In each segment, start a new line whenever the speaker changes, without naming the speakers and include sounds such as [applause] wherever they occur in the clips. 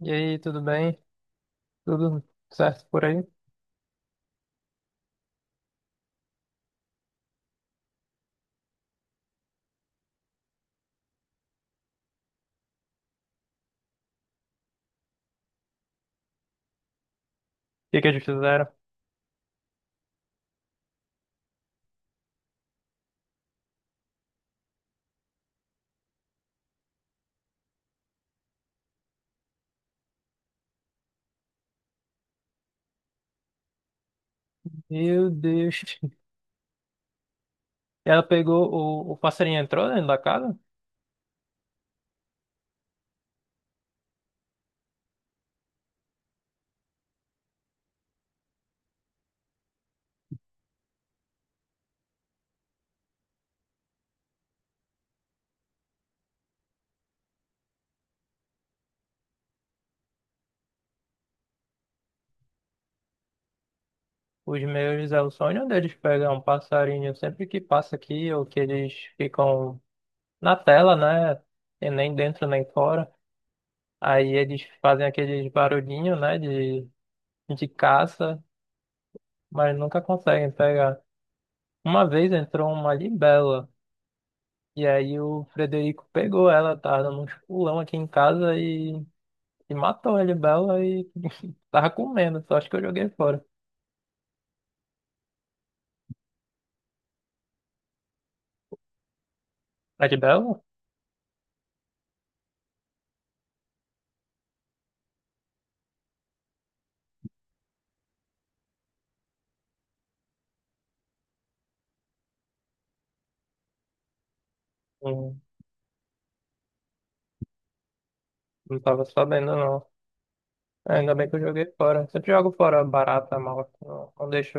E aí, tudo bem? Tudo certo por aí? O que que eles fizeram? Meu Deus. [laughs] Ela pegou o passarinho entrou dentro da casa? Os meus é o sonho deles pegar um passarinho sempre que passa aqui, ou que eles ficam na tela, né? E nem dentro nem fora. Aí eles fazem aqueles barulhinhos, né? De caça, mas nunca conseguem pegar. Uma vez entrou uma libela, e aí o Frederico pegou ela, tava dando uns pulão aqui em casa e. E matou a Libela e [laughs] tava comendo, só acho que eu joguei fora. A Libela? Hum, não tava sabendo, não. É, ainda bem que eu joguei fora. Sempre jogo fora barata, mal. Não, não deixo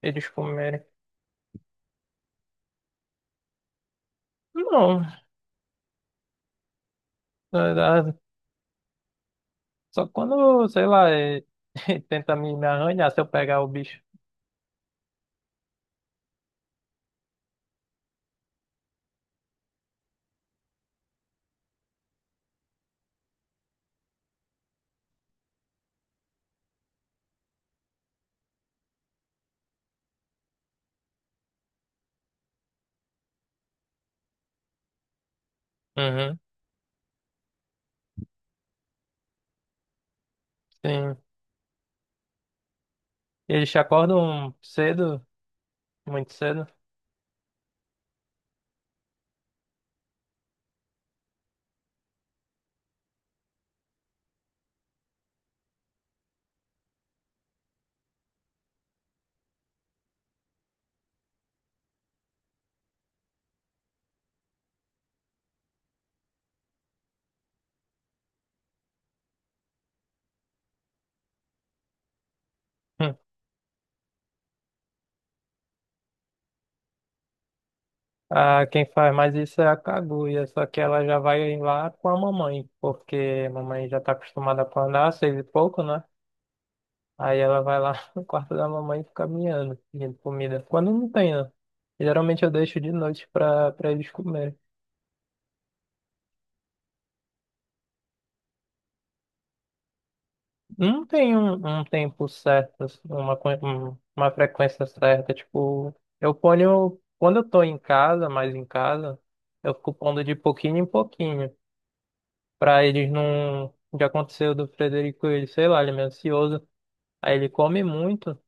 eles comerem. Não, na verdade, só quando, sei lá, [laughs] tenta me arranhar se eu pegar o bicho. Uhum, sim. Eles te acordam cedo, muito cedo. [laughs] Ah, quem faz mais isso é a Kaguya, só que ela já vai lá com a mamãe, porque a mamãe já tá acostumada a andar, seis e pouco, né? Aí ela vai lá [laughs] no quarto da mamãe e fica miando, pedindo comida. Quando não tem, né? Geralmente eu deixo de noite pra eles comerem. Não tem um, Um tempo certo, assim, uma frequência certa. Tipo, eu ponho. Quando eu tô em casa, mais em casa, eu fico pondo de pouquinho em pouquinho. Pra eles não. Já aconteceu do Frederico, ele, sei lá, ele é meio ansioso. Aí ele come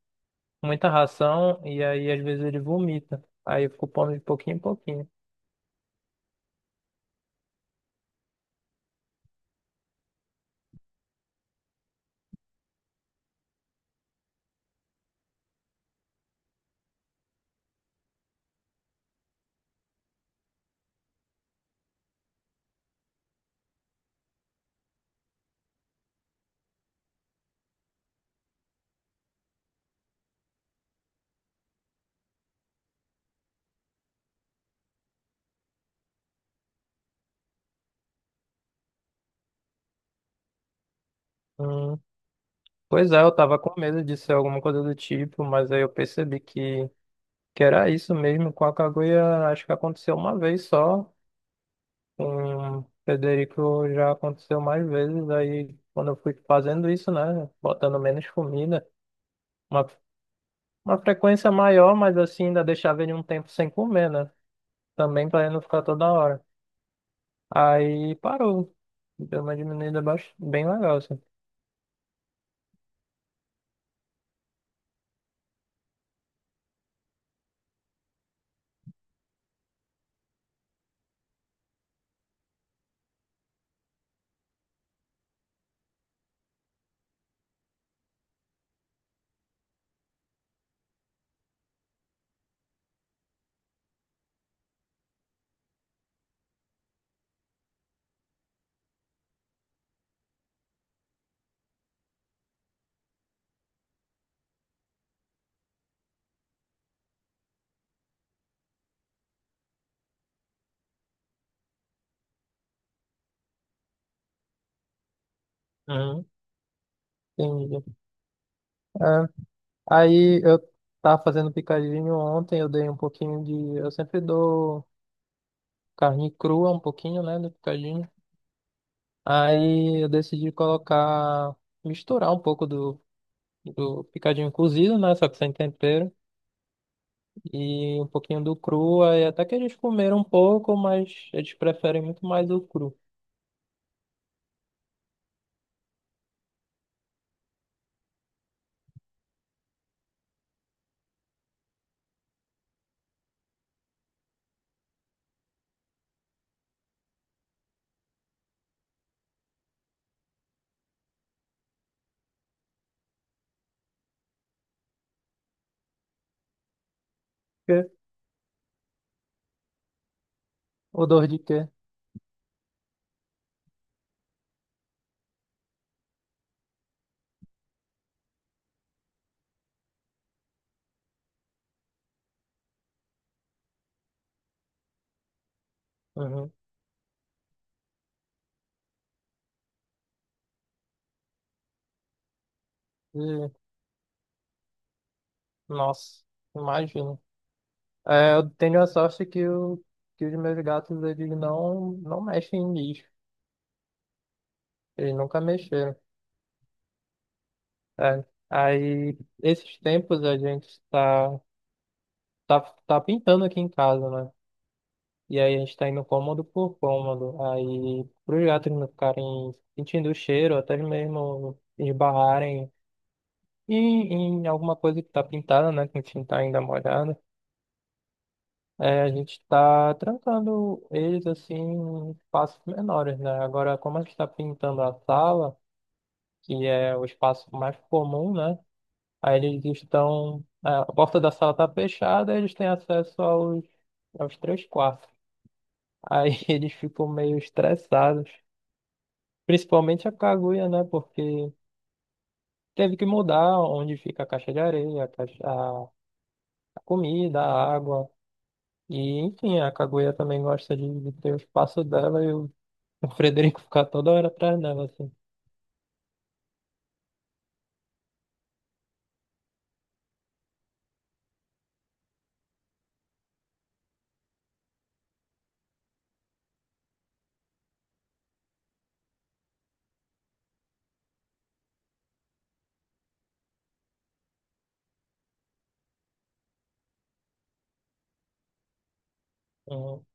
muita ração, e aí às vezes ele vomita. Aí eu fico pondo de pouquinho em pouquinho. Hum, Pois é, eu tava com medo de ser alguma coisa do tipo, mas aí eu percebi que era isso mesmo. Com a Kaguya, acho que aconteceu uma vez só. Com o Frederico já aconteceu mais vezes. Aí quando eu fui fazendo isso, né, botando menos comida. uma Uma frequência maior, mas assim, ainda deixava ele um tempo sem comer, né? Também pra ele não ficar toda hora. Aí parou. Deu uma diminuída bem legal, assim. Uhum. Entendi. É, aí eu tava fazendo picadinho ontem, eu dei um pouquinho de. Eu sempre dou carne crua, um pouquinho, né, do picadinho. Aí eu decidi colocar, misturar um pouco do picadinho cozido, né, só que sem tempero. E um pouquinho do cru e até que eles comeram um pouco, mas eles preferem muito mais o cru. Quê? Odor de quê? Uhum. E, nossa, imagino. É, eu tenho a sorte que, que os meus gatos eles não mexem em lixo. Eles nunca mexeram. É. Aí, esses tempos a gente tá, tá, tá pintando aqui em casa, né? E aí a gente tá indo cômodo por cômodo. Aí, pros gatos não ficarem sentindo o cheiro, até mesmo esbarrarem E em alguma coisa que tá pintada, né, com tinta ainda molhada, a gente tá trancando eles assim em espaços menores, né? Agora, como a gente tá pintando a sala, que é o espaço mais comum, né? Aí eles estão. A porta da sala tá fechada, eles têm acesso aos três quartos. Aí [laughs] eles ficam meio estressados, principalmente a Kaguya, né? Porque teve que mudar onde fica a caixa de areia, a comida, a água. E, enfim, a Kaguya também gosta de ter o espaço dela e o Frederico ficar toda hora atrás dela, assim. Uhum.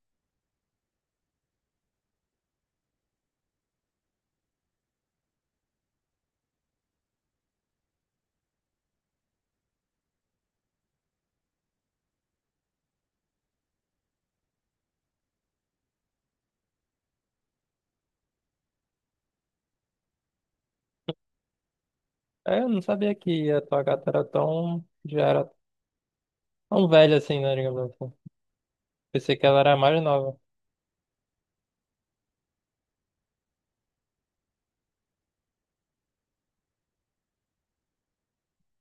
É, eu não sabia que a tua gata era tão, já era tão velha assim, né, digamos assim. Pensei que ela era mais nova.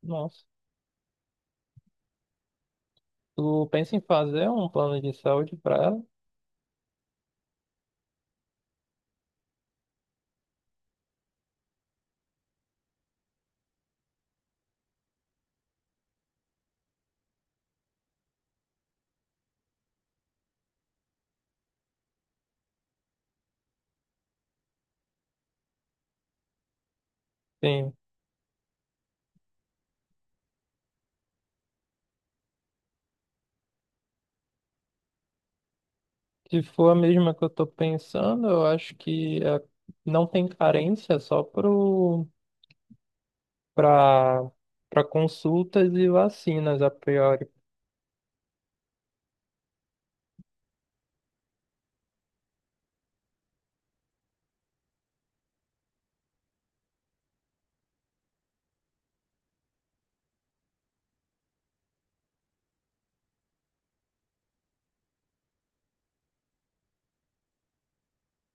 Nossa. Tu pensa em fazer um plano de saúde pra ela? Sim. Se for a mesma que eu tô pensando, eu acho que é, não tem carência é só pra, pra consultas e vacinas a priori.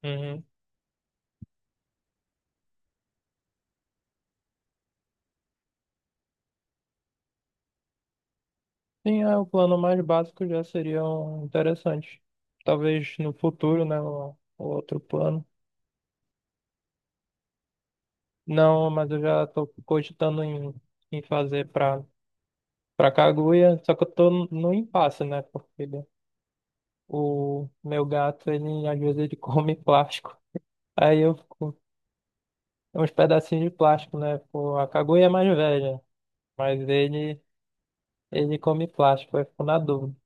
Uhum. Sim, é, o plano mais básico já seria um interessante. Talvez no futuro, né? O outro plano. Não, mas eu já estou cogitando em, em fazer para Kaguya, só que eu tô no impasse, né? Porque o meu gato, ele às vezes ele [laughs] come plástico. Aí eu fico é uns pedacinhos de plástico, né? Pô, a Kaguya é mais velha, mas ele ele come plástico, eu fico na dúvida,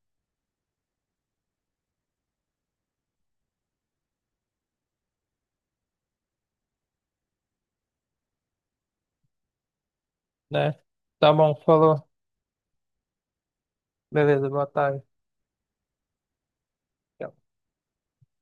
né? Tá bom, falou. Beleza, boa tarde. Tchau.